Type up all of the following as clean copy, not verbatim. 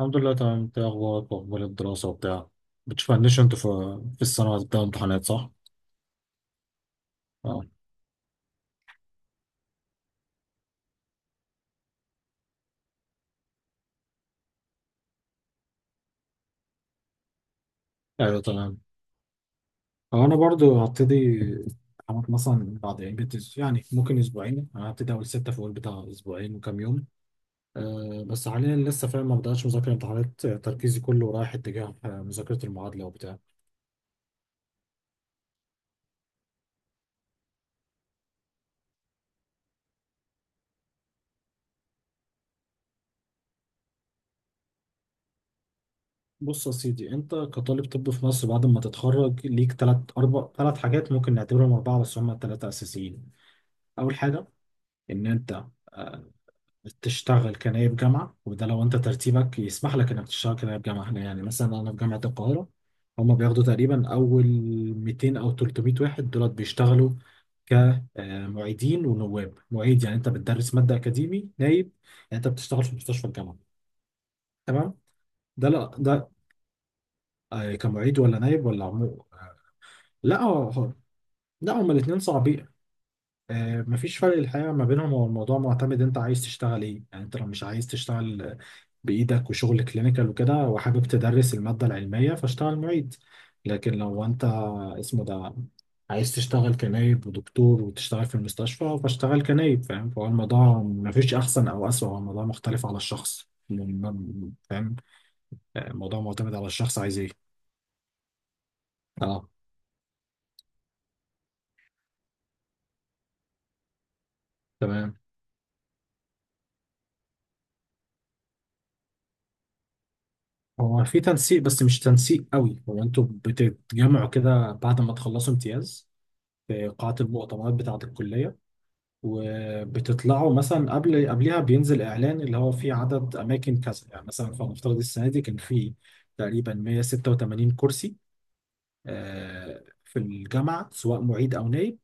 الحمد لله تمام، انت ايه اخبارك واخبار الدراسة وبتاع؟ بتشوف عندش انت في السنة بتاع امتحانات صح؟ اه، ايوه، تمام. هو انا برضو هبتدي امتحانات مثلا بعد يعني يعني ممكن اسبوعين، انا هبتدي اول ستة في اول بتاع اسبوعين وكام يوم. بس حاليا لسه فاهم ما بداتش مذاكره امتحانات، تركيزي كله رايح اتجاه مذاكره المعادله وبتاع. بص يا سيدي، انت كطالب طب في مصر بعد ما تتخرج ليك ثلاث حاجات ممكن نعتبرهم اربعه، بس هم الثلاثه اساسيين. اول حاجه، ان انت آه، تشتغل كنايب جامعة. وده لو أنت ترتيبك يسمح لك إنك تشتغل كنايب جامعة هنا، يعني مثلا أنا في جامعة القاهرة، هما بياخدوا تقريبا أول 200 أو 300 واحد، دولت بيشتغلوا كمعيدين ونواب معيد. يعني أنت بتدرس مادة أكاديمي نايب، يعني أنت بتشتغل في مستشفى الجامعة. تمام. ده لا ده كمعيد ولا نايب ولا عمو. لا هو- لا، هما الاتنين صعبين. مفيش فرق الحقيقة ما بينهم، هو الموضوع معتمد انت عايز تشتغل ايه. يعني انت لو مش عايز تشتغل بإيدك وشغل كلينيكال وكده، وحابب تدرس المادة العلمية، فاشتغل معيد. لكن لو انت اسمه ده عايز تشتغل كنايب ودكتور وتشتغل في المستشفى، فاشتغل كنايب، فاهم. فهو الموضوع مفيش أحسن أو أسوأ، هو الموضوع مختلف على الشخص. فاهم. الموضوع معتمد على الشخص عايز ايه. اه، تمام. هو في تنسيق بس مش تنسيق قوي، هو انتوا بتتجمعوا كده بعد ما تخلصوا امتياز في قاعة المؤتمرات بتاعة الكلية وبتطلعوا. مثلا قبلها بينزل اعلان اللي هو فيه عدد اماكن كذا. يعني مثلا فلنفترض السنة دي كان فيه تقريبا 186 كرسي في الجامعة سواء معيد او نائب،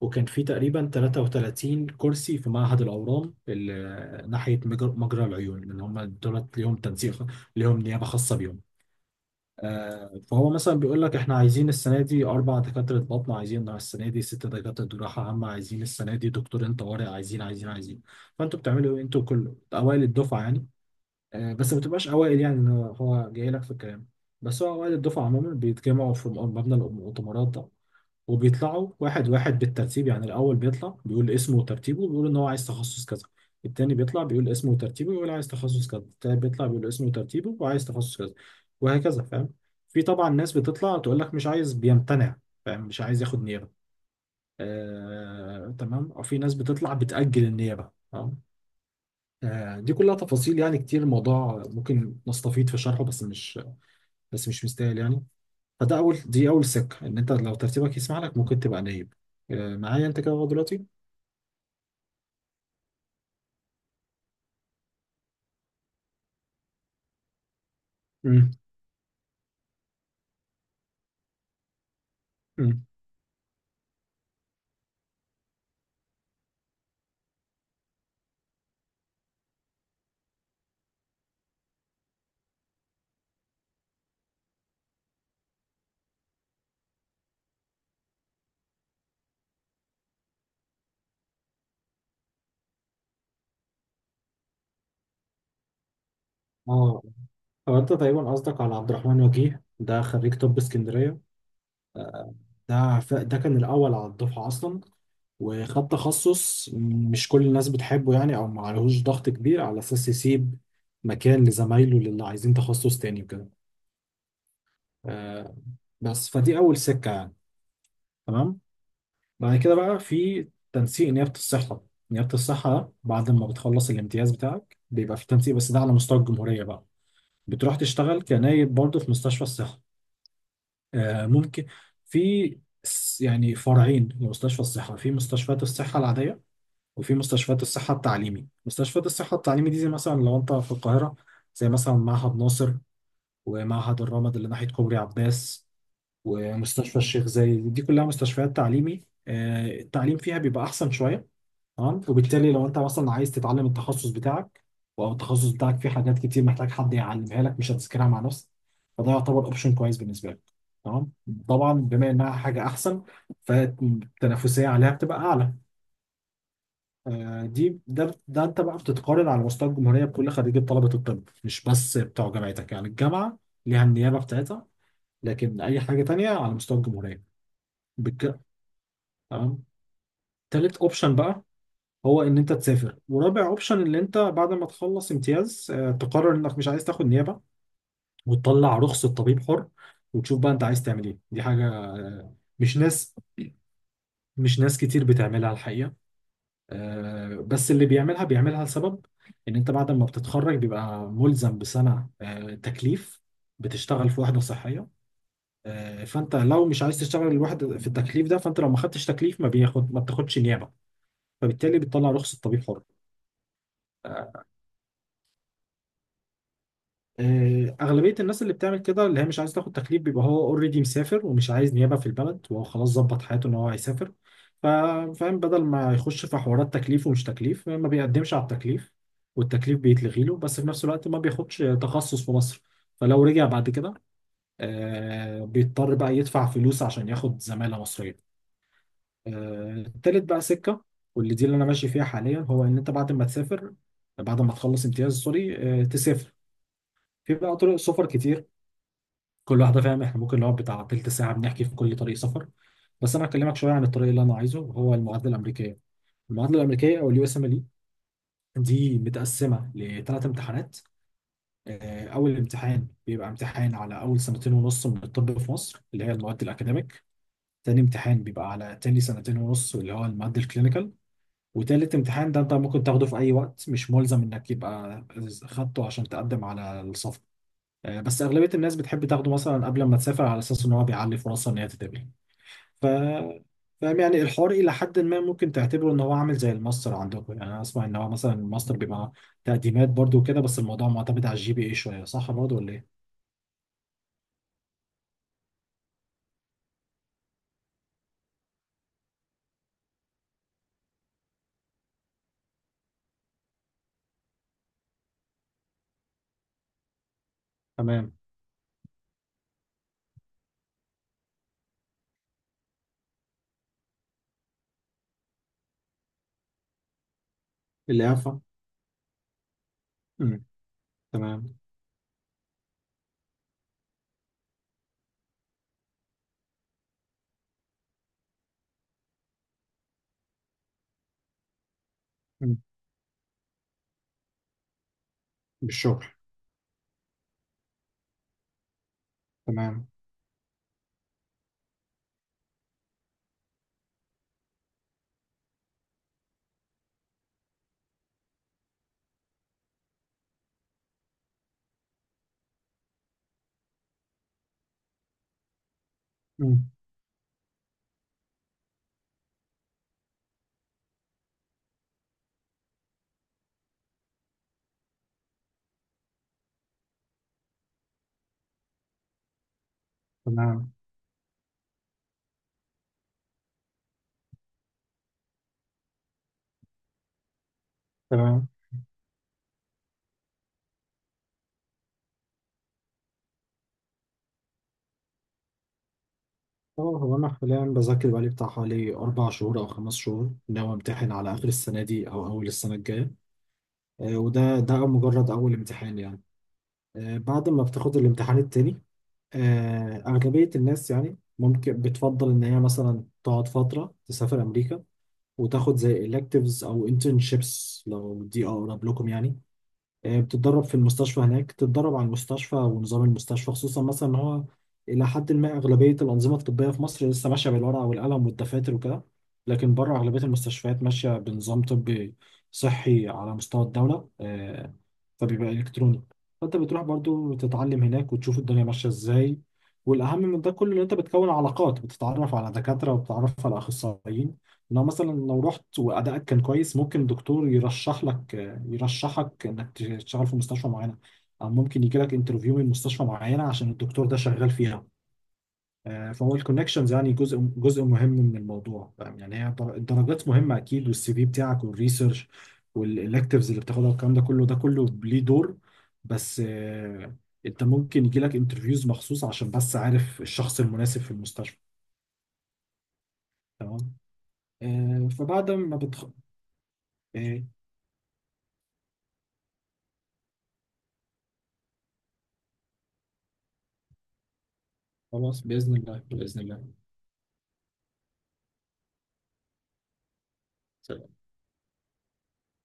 وكان فيه تقريبا 33 كرسي في معهد الاورام اللي ناحية مجرى العيون. اللي هم دولت ليهم تنسيق، ليهم نيابة خاصة بيهم. فهو مثلا بيقول لك احنا عايزين السنه دي اربع دكاتره بطن، عايزين السنه دي ست دكاتره جراحه عامه، عايزين السنه دي دكتورين طوارئ، عايزين عايزين عايزين. فانتوا بتعملوا ايه؟ انتوا كل اوائل الدفعه يعني بس ما بتبقاش اوائل، يعني إن هو جاي لك في الكلام. بس هو اوائل الدفعه عموما بيتجمعوا في مبنى المؤتمرات ده، وبيطلعوا واحد واحد بالترتيب. يعني الأول بيطلع بيقول اسمه وترتيبه، بيقول إن هو عايز تخصص كذا. التاني بيطلع بيقول اسمه وترتيبه، بيقول عايز تخصص كذا. التالت بيطلع بيقول اسمه وترتيبه وعايز تخصص كذا، وهكذا، فاهم. في طبعا ناس بتطلع تقول لك مش عايز، بيمتنع، فاهم، مش عايز ياخد نيابة. آه، تمام. وفي ناس بتطلع بتأجل النيابة. تمام. آه، دي كلها تفاصيل يعني كتير، الموضوع ممكن نستفيد في شرحه، بس مش مستاهل يعني. فده اول دي اول سكه، ان انت لو ترتيبك يسمح لك ممكن تبقى نايب. معايا انت كده لغاية دلوقتي؟ امم. امم. اه، هو انت تقريبا قصدك على عبد الرحمن وجيه، ده خريج طب اسكندريه. آه، ده ده كان الاول على الدفعه اصلا، وخد تخصص مش كل الناس بتحبه يعني، او ما عليهوش ضغط كبير على اساس يسيب مكان لزمايله اللي عايزين تخصص تاني وكده. آه، بس فدي اول سكه يعني. تمام. بعد كده بقى في تنسيق نيابة الصحة. نيابة الصحة ده بعد ما بتخلص الامتياز بتاعك بيبقى في تنسيق، بس ده على مستوى الجمهورية بقى. بتروح تشتغل كنايب برضه في مستشفى الصحة. آه، ممكن في يعني فرعين لمستشفى الصحة: في مستشفيات الصحة العادية، وفي مستشفيات الصحة التعليمي. مستشفيات الصحة التعليمي دي، زي مثلا لو أنت في القاهرة، زي مثلا معهد ناصر، ومعهد الرمد اللي ناحية كوبري عباس، ومستشفى الشيخ زايد، دي كلها مستشفيات تعليمي. التعليم فيها بيبقى أحسن شوية. تمام. وبالتالي لو انت مثلا عايز تتعلم التخصص بتاعك، او التخصص بتاعك فيه حاجات كتير محتاج حد يعلمها لك مش هتذاكرها مع نفسك، فده يعتبر اوبشن كويس بالنسبه لك. تمام. طبعا بما انها حاجه احسن، فالتنافسيه عليها بتبقى اعلى. دي ده ده انت بقى بتتقارن على مستوى الجمهوريه بكل خريجي طلبه الطب، مش بس بتوع جامعتك. يعني الجامعه ليها النيابه بتاعتها، لكن اي حاجه تانية على مستوى الجمهوريه. بالك- تمام. تالت اوبشن بقى هو ان انت تسافر. ورابع اوبشن ان انت بعد ما تخلص امتياز تقرر انك مش عايز تاخد نيابه، وتطلع رخصه طبيب حر، وتشوف بقى انت عايز تعمل ايه. دي حاجه مش ناس كتير بتعملها الحقيقه. بس اللي بيعملها بيعملها لسبب. ان انت بعد ما بتتخرج بيبقى ملزم بسنه تكليف، بتشتغل في وحده صحيه. فانت لو مش عايز تشتغل الواحد في التكليف ده، فانت لو ما خدتش تكليف ما بتاخدش نيابه، فبالتالي بتطلع رخصه طبيب حر. آه، أغلبية الناس اللي بتعمل كده، اللي هي مش عايز تاخد تكليف، بيبقى هو اوريدي مسافر ومش عايز نيابة في البلد، وهو خلاص ظبط حياته إن هو هيسافر. ف- فاهم، بدل ما يخش في حوارات تكليف ومش تكليف، ما بيقدمش على التكليف، والتكليف بيتلغي له. بس في نفس الوقت ما بياخدش تخصص في مصر، فلو رجع بعد كده بيضطر بقى يدفع فلوس عشان ياخد زمالة مصرية. التالت بقى سكة، واللي دي اللي أنا ماشي فيها حاليا، هو إن أنت بعد ما تسافر، بعد ما تخلص امتياز، سوري، تسافر. في بقى طرق سفر كتير، كل واحده، فاهم، احنا ممكن نقعد بتاع تلت ساعه بنحكي في كل طريق سفر، بس انا هكلمك شويه عن الطريق اللي انا عايزه، وهو المعادله الامريكيه. المعادله الامريكيه او الUSMLE دي متقسمه لثلاث امتحانات. اول امتحان بيبقى امتحان على اول سنتين ونص من الطب في مصر، اللي هي المواد الاكاديميك. تاني امتحان بيبقى على تاني سنتين ونص، اللي هو المواد الكلينيكال. وتالت امتحان ده انت ممكن تاخده في اي وقت، مش ملزم انك يبقى خدته عشان تقدم على السفر. بس اغلبيه الناس بتحب تاخده مثلا قبل ما تسافر، على اساس ان هو بيعلي فرصها ان هي تتقبل. ف فاهم، يعني الحوار إلى حد ما ممكن تعتبره إن هو عامل زي الماستر عندكم. يعني أنا أسمع إن هو مثلا الماستر بيبقى تقديمات برضو كده، بس الموضوع معتمد على الGPA شوية، صح برضو ولا إيه؟ تمام. الإعفاء. أمم. تمام. أمم. بالشغل. تمام. أمم. تمام. تمام. اه، هو أنا حاليا بذاكر بقالي بتاع حوالي 4 شهور أو 5 شهور، ناوي أمتحن على آخر السنة دي أو أول السنة الجاية. وده مجرد أول امتحان يعني. بعد ما بتاخد الامتحان التاني، أغلبية الناس يعني ممكن بتفضل إن هي مثلا تقعد فترة تسافر أمريكا، وتاخد زي electives أو internships، لو دي أقرب لكم يعني. بتتدرب في المستشفى هناك، تتدرب على المستشفى ونظام المستشفى، خصوصا مثلا ان هو الى حد ما اغلبيه الانظمه الطبيه في مصر لسه ماشيه بالورقه والقلم والدفاتر وكده، لكن بره اغلبيه المستشفيات ماشيه بنظام طبي صحي على مستوى الدوله فبيبقى الكتروني. فانت بتروح برضو تتعلم هناك، وتشوف الدنيا ماشيه ازاي. والاهم من ده كله، ان انت بتكون علاقات، بتتعرف على دكاتره وبتتعرف على اخصائيين. لو مثلا لو رحت وادائك كان كويس، ممكن دكتور يرشحك انك تشتغل في مستشفى معينه، او ممكن يجي لك انترفيو من مستشفى معينه عشان الدكتور ده شغال فيها. فهو الكونكشنز يعني جزء مهم من الموضوع، فاهم؟ يعني هي الدرجات مهمه اكيد، والسي في بتاعك، والريسيرش، والالكتيفز اللي بتاخدها، والكلام ده كله ليه دور. بس انت ممكن يجي لك انترفيوز مخصوص عشان بس عارف الشخص المناسب في المستشفى. تمام. فبعد ما بتخ... آه، خلاص باذن الله. باذن الله.